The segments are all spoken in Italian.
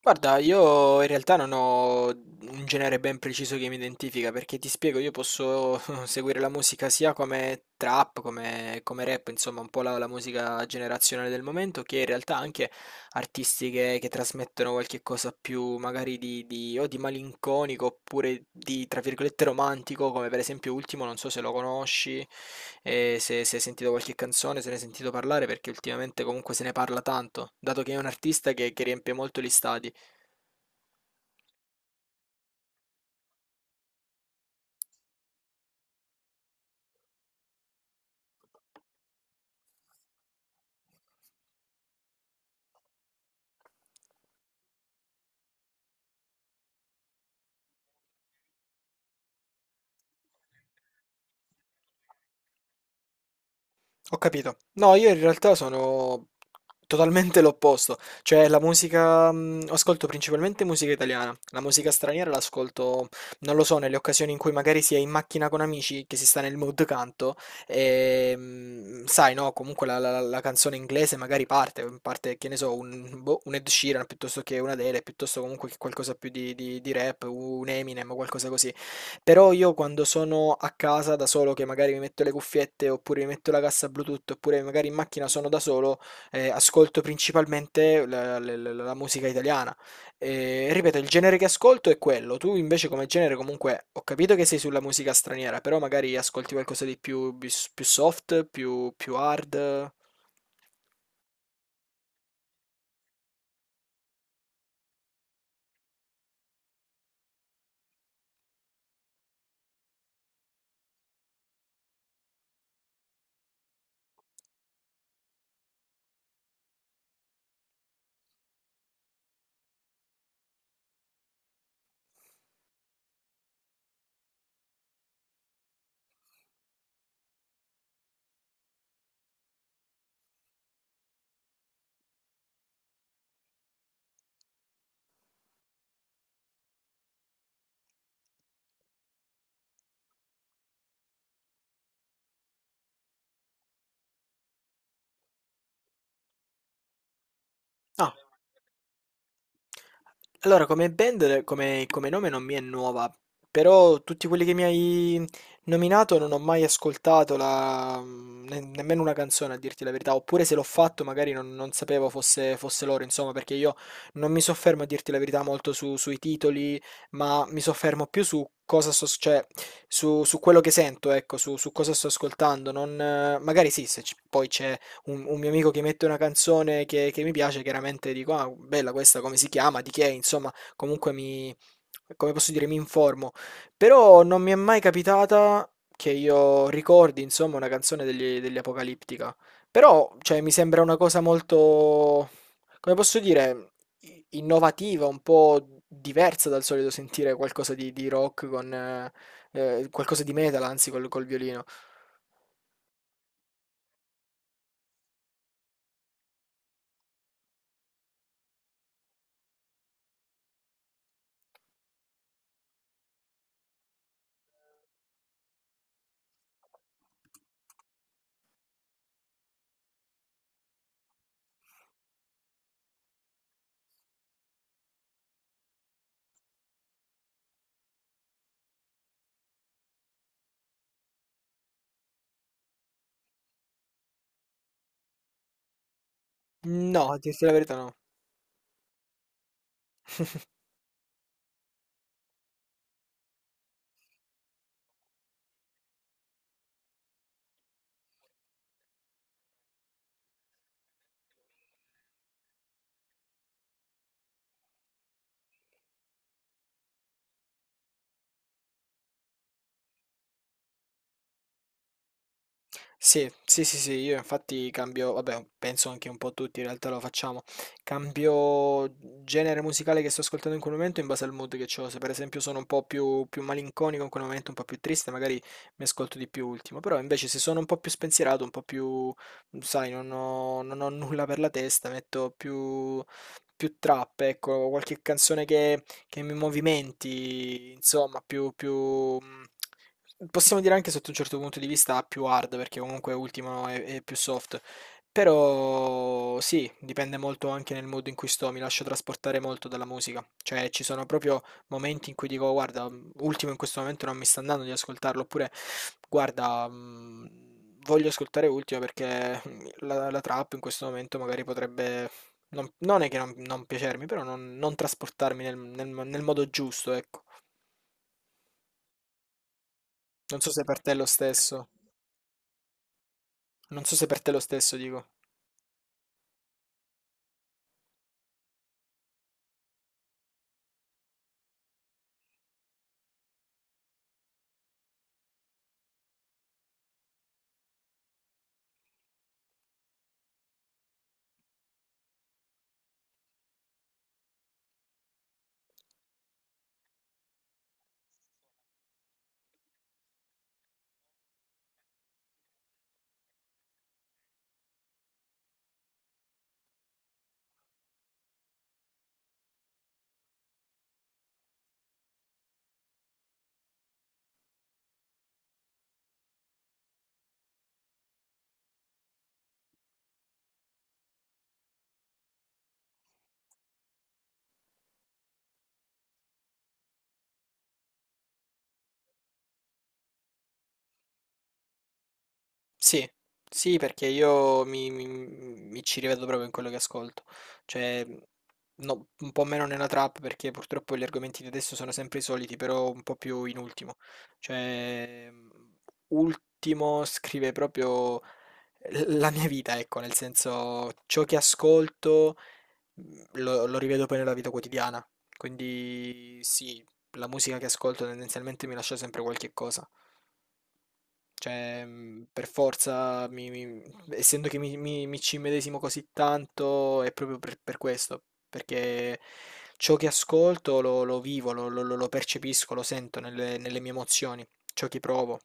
Guarda, io in realtà non ho un genere ben preciso che mi identifica, perché ti spiego, io posso seguire la musica sia come trap, come rap, insomma, un po' la musica generazionale del momento, che in realtà anche artisti che trasmettono qualche cosa più magari di- o di malinconico oppure di, tra virgolette, romantico, come per esempio Ultimo, non so se lo conosci, e se hai sentito qualche canzone, se ne hai sentito parlare, perché ultimamente comunque se ne parla tanto, dato che è un artista che riempie molto gli stadi. Ho capito. No, io in realtà sono totalmente l'opposto. Cioè, la musica, ascolto principalmente musica italiana. La musica straniera l'ascolto, non lo so, nelle occasioni in cui magari si è in macchina con amici, che si sta nel mood canto, e sai, no, comunque la, la canzone inglese magari parte, parte, che ne so, un, boh, un Ed Sheeran piuttosto che un Adele, piuttosto comunque che qualcosa più di, di rap, un Eminem o qualcosa così. Però io quando sono a casa da solo, che magari mi metto le cuffiette, oppure mi metto la cassa Bluetooth, oppure magari in macchina sono da solo, ascolto principalmente la, la musica italiana. E, ripeto, il genere che ascolto è quello. Tu invece come genere comunque ho capito che sei sulla musica straniera, però magari ascolti qualcosa di più, bis- più soft, più, più hard. Ah, allora, come band, come nome non mi è nuova, però tutti quelli che mi hai nominato non ho mai ascoltato nemmeno una canzone, a dirti la verità, oppure se l'ho fatto magari non sapevo fosse loro, insomma, perché io non mi soffermo a dirti la verità molto sui titoli, ma mi soffermo più su cosa sto, cioè, su, su quello che sento, ecco, su, su cosa sto ascoltando, non, magari sì, se c- poi c'è un mio amico che mette una canzone che mi piace, chiaramente dico, ah, bella questa, come si chiama, di che, è?", insomma, comunque mi, come posso dire, mi informo. Però non mi è mai capitata che io ricordi, insomma, una canzone degli Apocalittica. Però, cioè, mi sembra una cosa molto, come posso dire, innovativa, un po' diversa dal solito sentire qualcosa di rock con... qualcosa di metal, anzi, col, col violino. No, a dirti la verità, no. Sì, sì, sì, sì, io infatti cambio, vabbè, penso anche un po' tutti in realtà lo facciamo, cambio genere musicale che sto ascoltando in quel momento in base al mood che ho, se per esempio sono un po' più, più malinconico in quel momento, un po' più triste, magari mi ascolto di più ultimo, però invece se sono un po' più spensierato, un po' più, sai, non ho nulla per la testa, metto più, più trap, ecco, qualche canzone che mi movimenti, insomma, più, più... Possiamo dire anche sotto un certo punto di vista più hard, perché comunque Ultimo è più soft. Però sì, dipende molto anche nel modo in cui sto, mi lascio trasportare molto dalla musica. Cioè, ci sono proprio momenti in cui dico, guarda, Ultimo in questo momento non mi sta andando di ascoltarlo, oppure guarda, voglio ascoltare Ultimo perché la, la trap in questo momento magari potrebbe... Non è che non piacermi, però non trasportarmi nel, nel modo giusto, ecco. Non so se per te è lo stesso. Non so se per te lo stesso dico. Sì, sì, perché io mi, mi ci rivedo proprio in quello che ascolto. Cioè, no, un po' meno nella trap perché purtroppo gli argomenti di adesso sono sempre i soliti, però un po' più in ultimo. Cioè, ultimo scrive proprio la mia vita, ecco, nel senso ciò che ascolto lo, lo rivedo poi nella vita quotidiana. Quindi sì, la musica che ascolto tendenzialmente mi lascia sempre qualche cosa. Cioè, per forza, essendo che mi, mi ci immedesimo così tanto, è proprio per questo, perché ciò che ascolto lo, lo vivo, lo, lo percepisco, lo sento nelle, nelle mie emozioni, ciò che provo.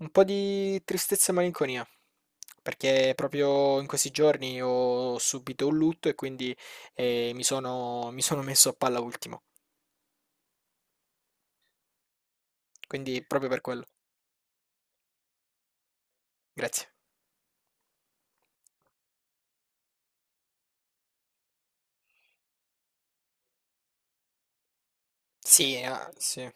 Un po' di tristezza e malinconia, perché proprio in questi giorni ho subito un lutto e quindi mi sono messo a palla ultimo. Quindi proprio per quello. Grazie. Sì, ah, sì.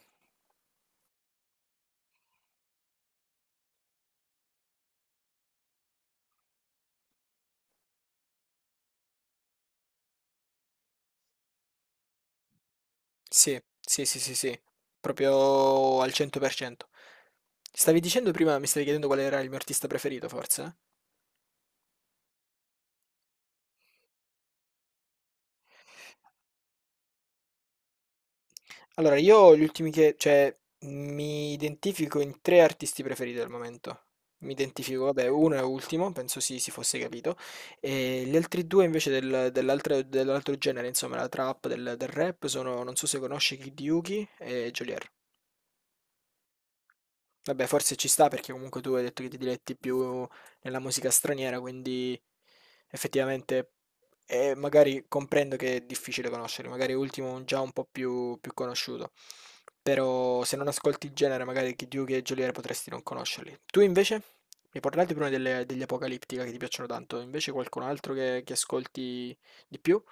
Sì, sì, sì, sì, sì, proprio al 100%. Stavi dicendo prima, mi stavi chiedendo qual era il mio artista preferito, forse? Allora, io gli ultimi che, cioè, mi identifico in tre artisti preferiti al momento. Mi identifico, vabbè, uno è ultimo, penso si fosse capito, e gli altri due invece dell'altro dell'altro genere, insomma, la trap, del, del rap, sono, non so se conosci Kid Yuki e Geolier. Vabbè, forse ci sta perché comunque tu hai detto che ti diletti più nella musica straniera, quindi effettivamente magari comprendo che è difficile conoscere, magari Ultimo è già un po' più, più conosciuto, però se non ascolti il genere magari Kid Yugi e Geolier potresti non conoscerli. Tu invece? Mi parlate prima degli Apocalittica che ti piacciono tanto, invece qualcun altro che ascolti di più?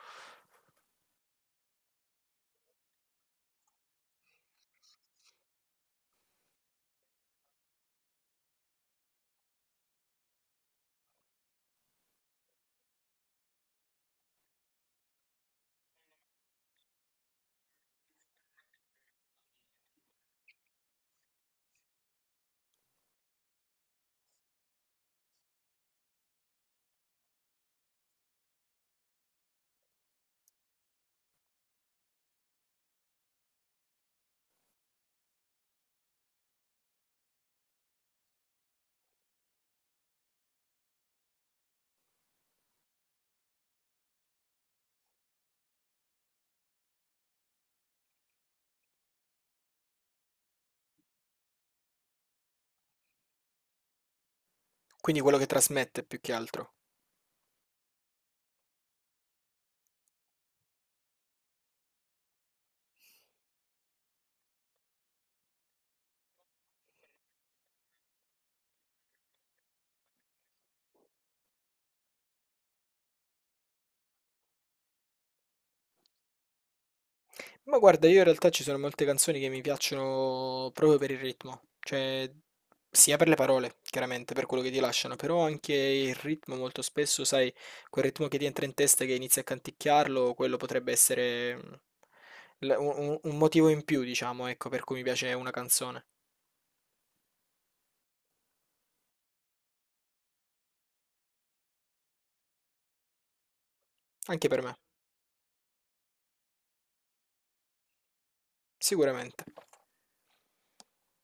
Quindi quello che trasmette più che altro. Ma guarda, io in realtà ci sono molte canzoni che mi piacciono proprio per il ritmo, cioè sia per le parole, chiaramente, per quello che ti lasciano, però anche il ritmo molto spesso, sai, quel ritmo che ti entra in testa e che inizi a canticchiarlo, quello potrebbe essere un motivo in più, diciamo, ecco, per cui mi piace una canzone. Anche per me, sicuramente.